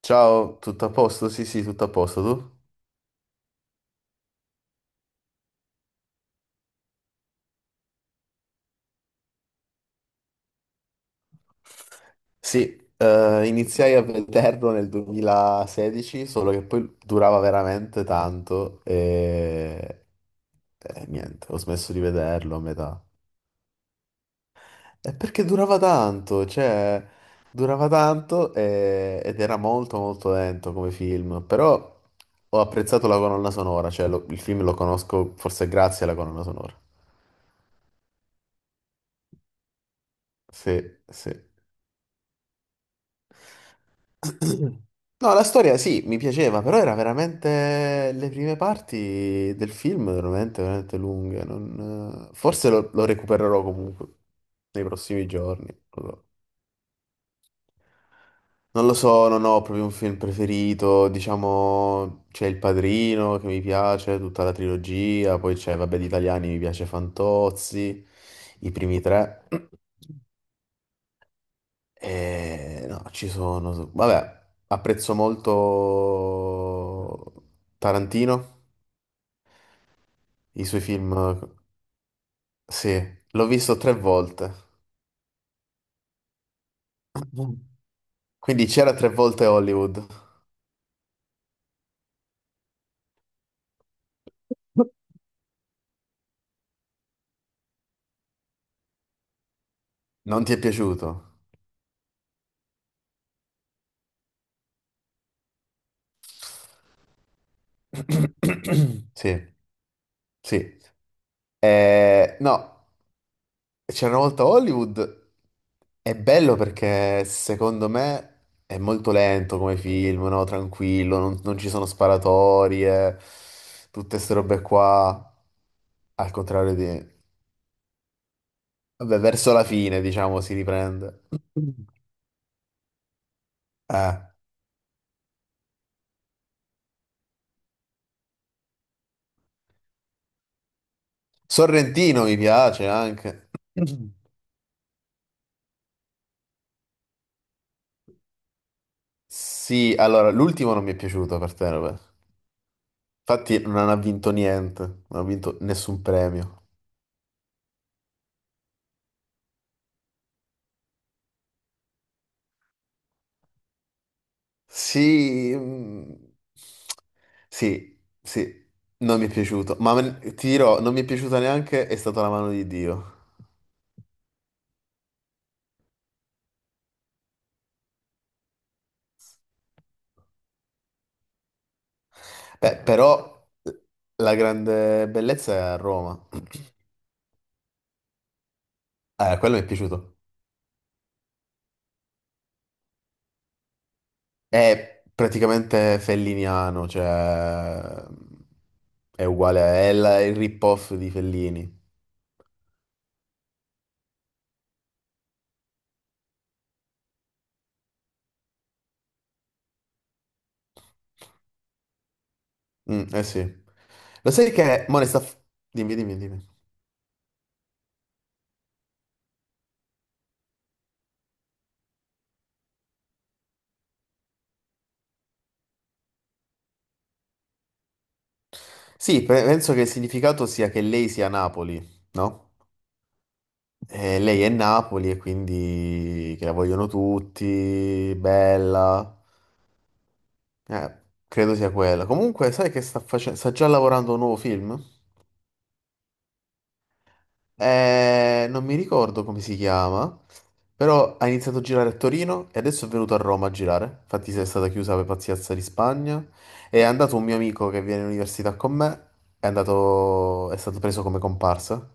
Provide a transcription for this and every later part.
Ciao, tutto a posto? Sì, sì, tutto a posto, tu? Sì, iniziai a vederlo nel 2016, solo che poi durava veramente tanto e niente, ho smesso di vederlo a metà. E perché durava tanto, cioè, durava tanto ed era molto molto lento come film, però ho apprezzato la colonna sonora, cioè il film lo conosco forse grazie alla colonna sonora. Sì, sì. No, la storia sì, mi piaceva, però era veramente le prime parti del film veramente, veramente lunghe. Forse lo recupererò comunque nei prossimi giorni. Non lo so, Non lo so, non ho proprio un film preferito. Diciamo, c'è Il Padrino che mi piace, tutta la trilogia. Poi c'è, vabbè, di italiani mi piace Fantozzi, i primi tre. No, ci sono. Vabbè, apprezzo molto Tarantino, i suoi film. Sì, l'ho visto tre volte. Quindi c'era tre volte Hollywood. Non ti è piaciuto? Sì, sì. No. C'era una volta a Hollywood, è bello perché secondo me è molto lento come film, no? Tranquillo, non ci sono sparatorie, tutte ste robe qua, al contrario di. Vabbè, verso la fine, diciamo, si riprende. Eh. Sorrentino mi piace anche. Sì, allora, l'ultimo non mi è piaciuto per te, vabbè. Infatti non ha vinto niente, non ha vinto nessun premio. Sì, mm, sì, sì, non mi è piaciuto, ma ti dirò, non mi è piaciuta neanche È stata la mano di Dio. Beh, però la grande bellezza è a Roma. Quello mi è piaciuto. È praticamente felliniano, cioè è uguale, è il rip-off di Fellini. Mm, eh sì. Lo sai che mo ne sta. Dimmi, dimmi, dimmi. Sì, penso che il significato sia che lei sia Napoli, no? E lei è Napoli e quindi che la vogliono tutti, bella. Eh, credo sia quella. Comunque, sai che sta facendo? Sta già lavorando a un nuovo film? Non mi ricordo come si chiama, però ha iniziato a girare a Torino e adesso è venuto a Roma a girare. Infatti, si è stata chiusa per pazienza di Spagna. È andato un mio amico che viene in università con me, è stato preso come comparsa.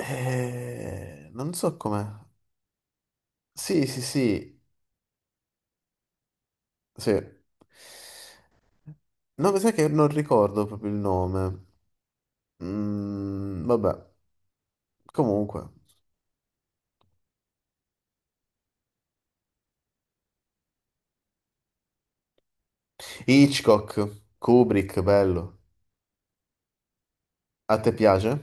Non so com'è. Sì, sì, sì. Sì. No, mi sa che non ricordo proprio il nome. Mm, vabbè, comunque. Hitchcock, Kubrick, bello. A te piace?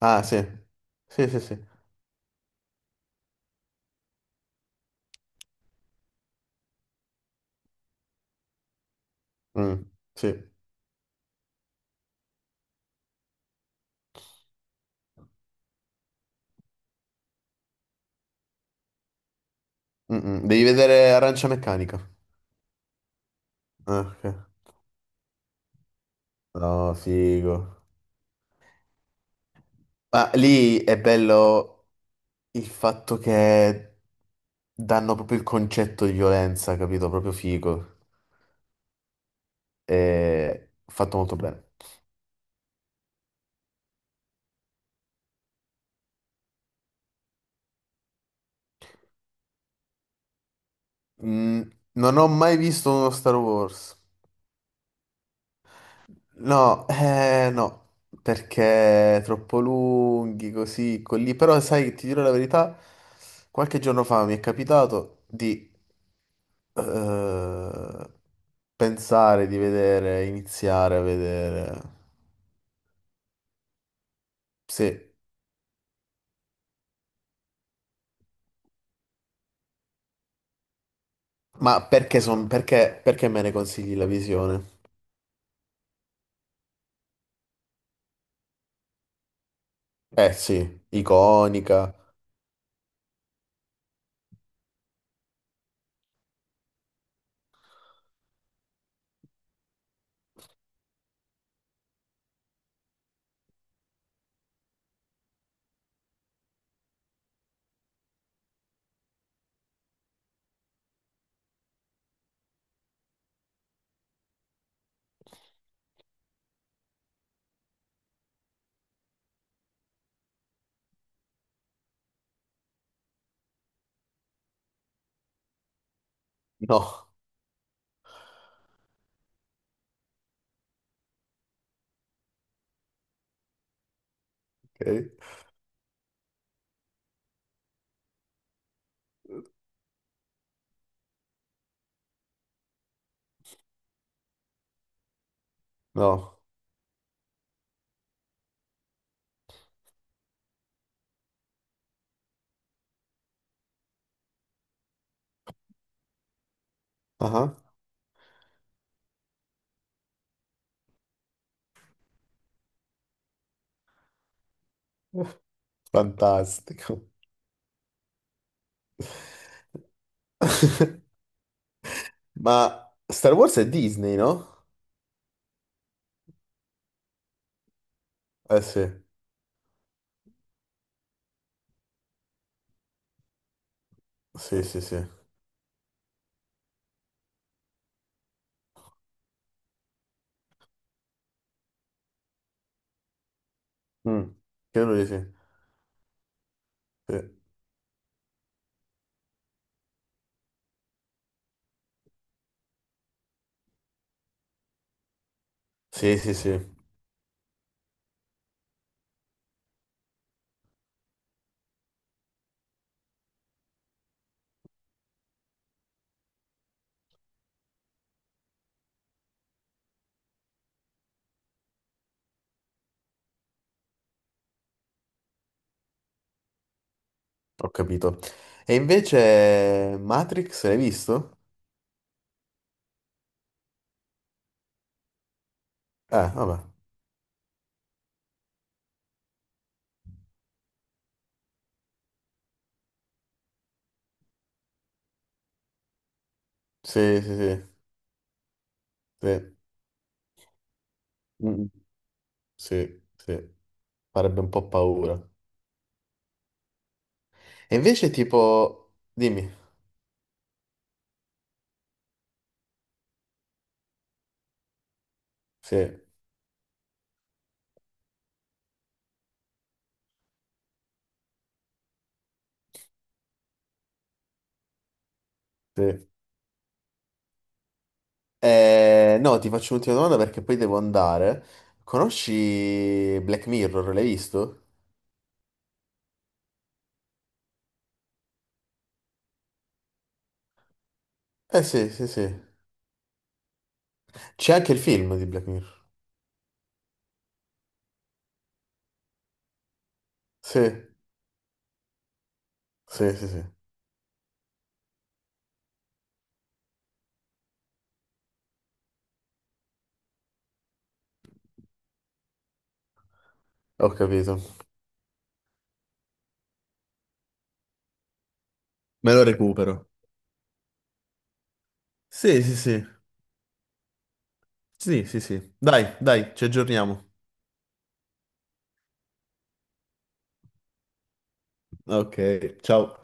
Ah, sì. Sì, sì, sì. Mm, sì. Mm, mm. Devi vedere Arancia Meccanica. Ah, ok. No, figo. Ma lì è bello il fatto che danno proprio il concetto di violenza, capito? Proprio figo. È fatto molto bene. Mm, non ho mai visto uno Star Wars. No, no, perché troppo lunghi così, quelli. Però sai, ti dirò la verità, qualche giorno fa mi è capitato di eh, pensare di vedere, iniziare a vedere. Sì, ma perché, perché, me ne consigli la visione? Eh sì, iconica. No, ok, no. Ah, fantastico. Ma Star Wars è Disney, no? Eh sì, sì, sì, sì. Mm. Credo di sì. Sì, sì, sì, sì. Ho capito. E invece Matrix l'hai visto? Vabbè. Sì, sì, sì, sì. Mm. Sì, sì. Farebbe un po' paura. E invece tipo. Dimmi. Sì, sì. No, ti faccio un'ultima domanda perché poi devo andare. Conosci Black Mirror? L'hai visto? Eh sì, sì, sì. C'è anche il film di Black Mirror. Sì, sì, sì, sì, ho capito. Me lo recupero. Sì, sì, sì, sì, sì, sì. Dai, dai, ci aggiorniamo. Ok, ciao.